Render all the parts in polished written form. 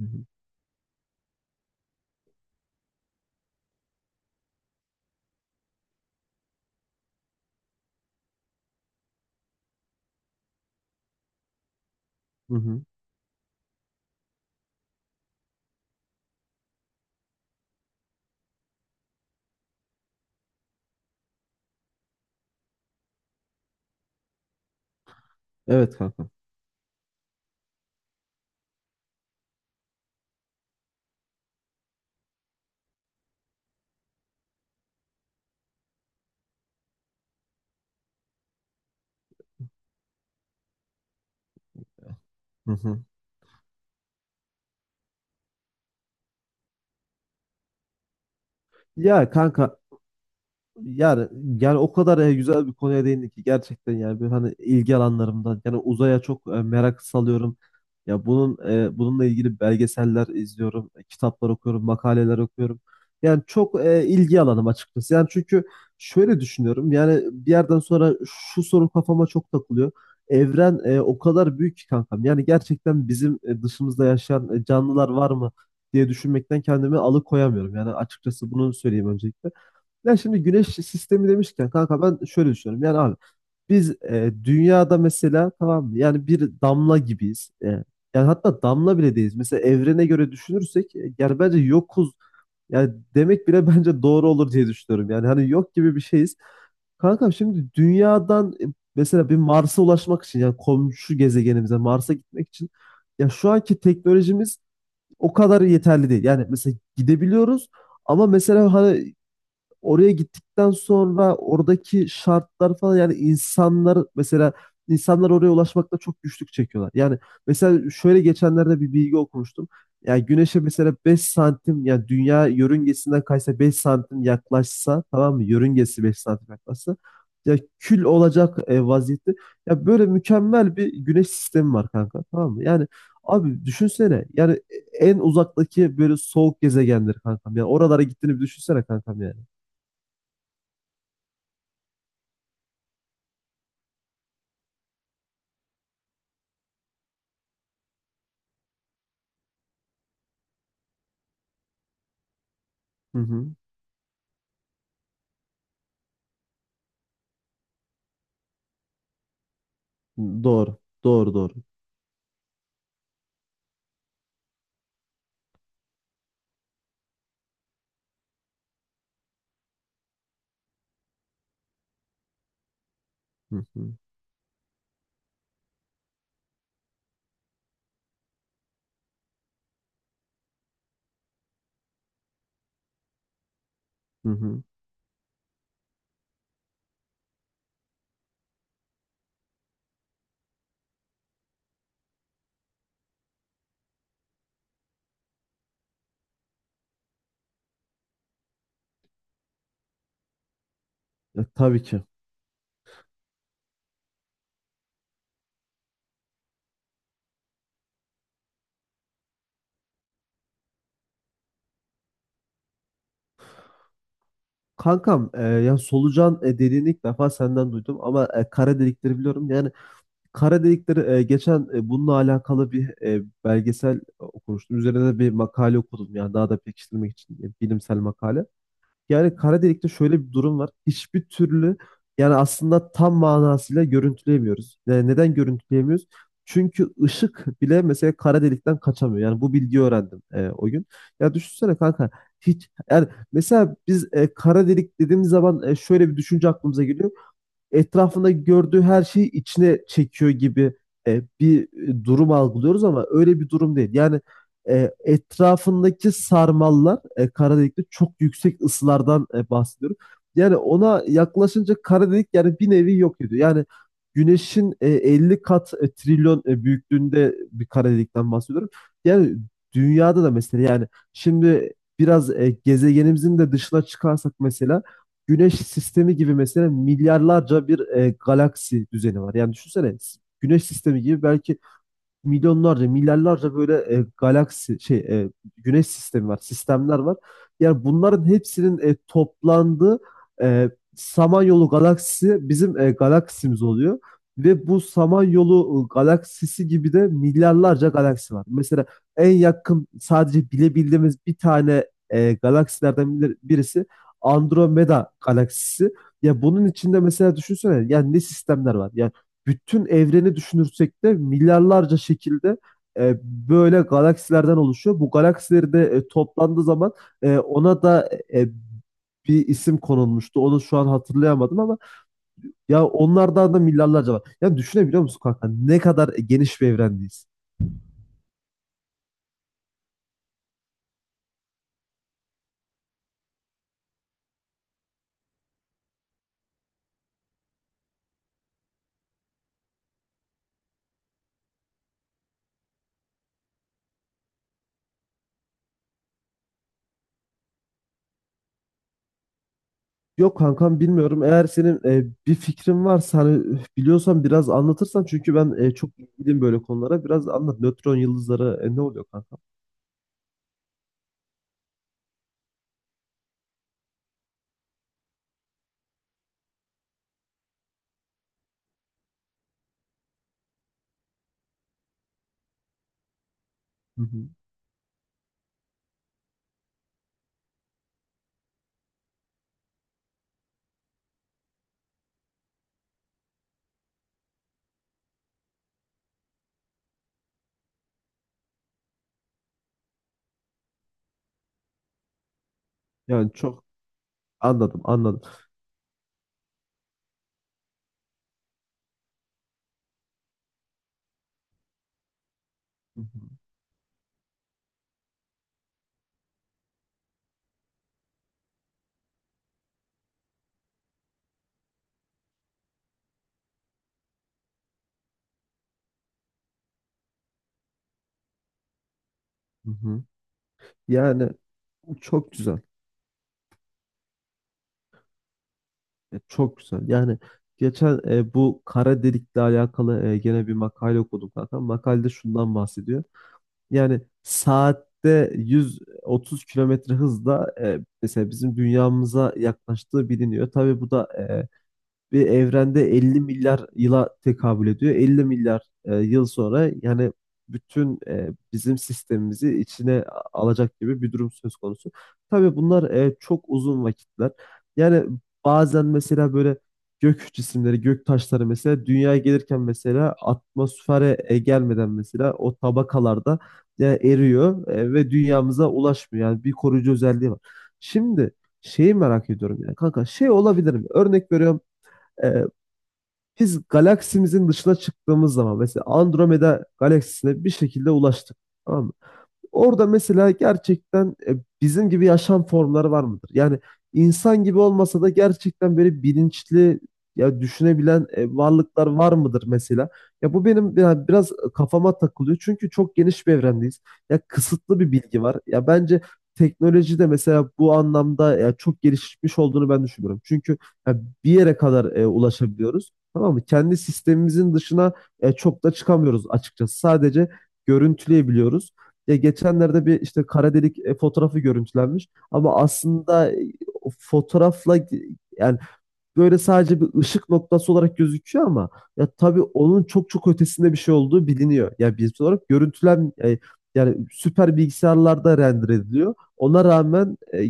Hı hı. Hı hı. Evet kanka. Hı hı. Ya kanka. Yani yani, o kadar güzel bir konuya değindik ki gerçekten yani böyle hani ilgi alanlarımdan yani uzaya çok merak salıyorum. Ya bununla ilgili belgeseller izliyorum, kitaplar okuyorum, makaleler okuyorum. Yani çok ilgi alanım açıkçası. Yani çünkü şöyle düşünüyorum. Yani bir yerden sonra şu soru kafama çok takılıyor. Evren o kadar büyük ki kankam. Yani gerçekten bizim dışımızda yaşayan canlılar var mı diye düşünmekten kendimi alıkoyamıyorum. Yani açıkçası bunu söyleyeyim öncelikle. Ya şimdi güneş sistemi demişken kanka ben şöyle düşünüyorum. Yani abi biz dünyada mesela, tamam mı? Yani bir damla gibiyiz. Yani hatta damla bile değiliz. Mesela evrene göre düşünürsek yani bence yokuz. Yani demek bile bence doğru olur diye düşünüyorum. Yani hani yok gibi bir şeyiz. Kanka şimdi dünyadan mesela bir Mars'a ulaşmak için, yani komşu gezegenimize Mars'a gitmek için ya şu anki teknolojimiz o kadar yeterli değil. Yani mesela gidebiliyoruz ama mesela hani oraya gittikten sonra oradaki şartlar falan, yani insanlar mesela, insanlar oraya ulaşmakta çok güçlük çekiyorlar. Yani mesela şöyle geçenlerde bir bilgi okumuştum. Yani güneşe mesela 5 santim, yani dünya yörüngesinden kaysa 5 santim yaklaşsa, tamam mı? Yörüngesi 5 santim yaklaşsa ya kül olacak vaziyette. Ya böyle mükemmel bir güneş sistemi var kanka, tamam mı? Yani abi düşünsene yani en uzaktaki böyle soğuk gezegendir kankam. Yani oralara gittiğini bir düşünsene kankam, yani. Hı hı. Doğru. Doğru, doğru. Hı hı. Hı hı. Tabii ki. Kankam ya solucan dediğini ilk defa senden duydum ama kara delikleri biliyorum. Yani kara delikleri geçen bununla alakalı bir belgesel okumuştum. Üzerine de bir makale okudum, yani daha da pekiştirmek için bilimsel makale. Yani kara delikte şöyle bir durum var. Hiçbir türlü, yani aslında tam manasıyla görüntüleyemiyoruz. Yani neden görüntüleyemiyoruz? Çünkü ışık bile mesela kara delikten kaçamıyor. Yani bu bilgiyi öğrendim o gün. Ya düşünsene kanka, hiç, yani mesela biz kara delik dediğimiz zaman şöyle bir düşünce aklımıza geliyor, etrafında gördüğü her şeyi içine çekiyor gibi bir durum algılıyoruz ama öyle bir durum değil. Yani etrafındaki sarmallar, kara delikte çok yüksek ısılardan bahsediyorum. Yani ona yaklaşınca kara delik, yani bir nevi yok ediyor. Yani Güneş'in 50 kat trilyon büyüklüğünde bir kara delikten bahsediyorum. Yani dünyada da mesela, yani şimdi biraz gezegenimizin de dışına çıkarsak mesela Güneş sistemi gibi mesela milyarlarca bir galaksi düzeni var. Yani düşünsene, Güneş sistemi gibi belki milyonlarca, milyarlarca böyle galaksi şey güneş sistemi var, sistemler var. Yani bunların hepsinin toplandığı e, Samanyolu galaksisi bizim galaksimiz oluyor. Ve bu Samanyolu galaksisi gibi de milyarlarca galaksi var. Mesela en yakın sadece bilebildiğimiz bir tane galaksilerden birisi Andromeda galaksisi. Ya bunun içinde mesela düşünsene ya ne sistemler var. Ya bütün evreni düşünürsek de milyarlarca şekilde böyle galaksilerden oluşuyor. Bu galaksileri de toplandığı zaman ona da bir isim konulmuştu. Onu şu an hatırlayamadım ama ya onlardan da milyarlarca var. Ya düşünebiliyor musun kanka, ne kadar geniş bir evrendeyiz? Yok kankam, bilmiyorum. Eğer senin bir fikrin varsa hani, üf, biliyorsan biraz anlatırsan, çünkü ben çok ilgiliyim böyle konulara. Biraz anlat. Nötron yıldızları ne oluyor kankam? Hı hı. Yani çok anladım, anladım. Hı hı. Hı hı. Yani çok güzel. Çok güzel. Yani geçen bu kara delikle alakalı gene bir makale okudum zaten. Makalede şundan bahsediyor. Yani saatte 130 kilometre hızla mesela bizim dünyamıza yaklaştığı biliniyor. Tabii bu da bir evrende 50 milyar yıla tekabül ediyor. 50 milyar yıl sonra yani bütün bizim sistemimizi içine alacak gibi bir durum söz konusu. Tabii bunlar çok uzun vakitler. Yani bazen mesela böyle gök cisimleri, gök taşları mesela dünyaya gelirken mesela atmosfere gelmeden mesela o tabakalarda, yani eriyor ve dünyamıza ulaşmıyor. Yani bir koruyucu özelliği var. Şimdi şeyi merak ediyorum, yani kanka şey olabilir mi? Örnek veriyorum, ee, biz galaksimizin dışına çıktığımız zaman mesela Andromeda galaksisine bir şekilde ulaştık. Tamam mı? Orada mesela gerçekten bizim gibi yaşam formları var mıdır? Yani insan gibi olmasa da gerçekten böyle bilinçli, ya düşünebilen varlıklar var mıdır mesela? Ya bu benim ya biraz kafama takılıyor. Çünkü çok geniş bir evrendeyiz. Ya kısıtlı bir bilgi var. Ya bence teknoloji de mesela bu anlamda ya çok gelişmiş olduğunu ben düşünüyorum. Çünkü ya bir yere kadar ulaşabiliyoruz. Tamam mı? Kendi sistemimizin dışına çok da çıkamıyoruz açıkçası. Sadece görüntüleyebiliyoruz. Ya geçenlerde bir işte kara delik fotoğrafı görüntülenmiş ama aslında o fotoğrafla yani böyle sadece bir ışık noktası olarak gözüküyor ama ya tabii onun çok çok ötesinde bir şey olduğu biliniyor. Ya bilimsel olarak görüntülen yani süper bilgisayarlarda render ediliyor. Ona rağmen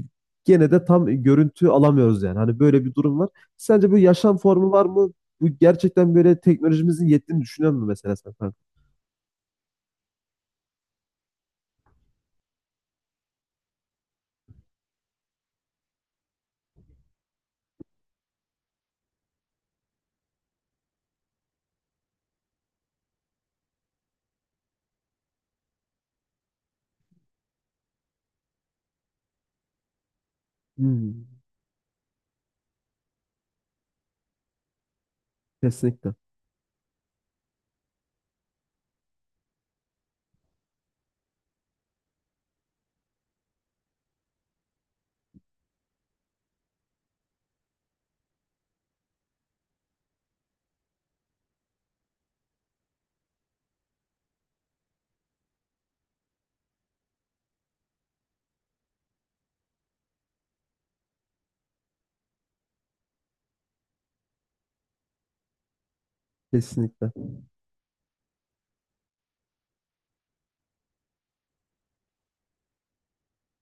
gene de tam görüntü alamıyoruz, yani. Hani böyle bir durum var. Sence bu yaşam formu var mı? Bu gerçekten böyle teknolojimizin yettiğini düşünüyor musun mesela sen, kanka? Hmm, kesinlikle. Kesinlikle.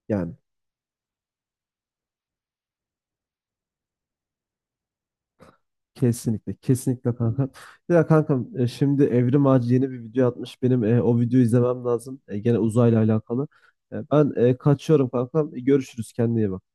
Yani, kesinlikle, kesinlikle kankam. Ya kankam şimdi Evrim Ağacı yeni bir video atmış. Benim o videoyu izlemem lazım. Gene uzayla alakalı. Ben kaçıyorum kankam. Görüşürüz, kendine iyi bak.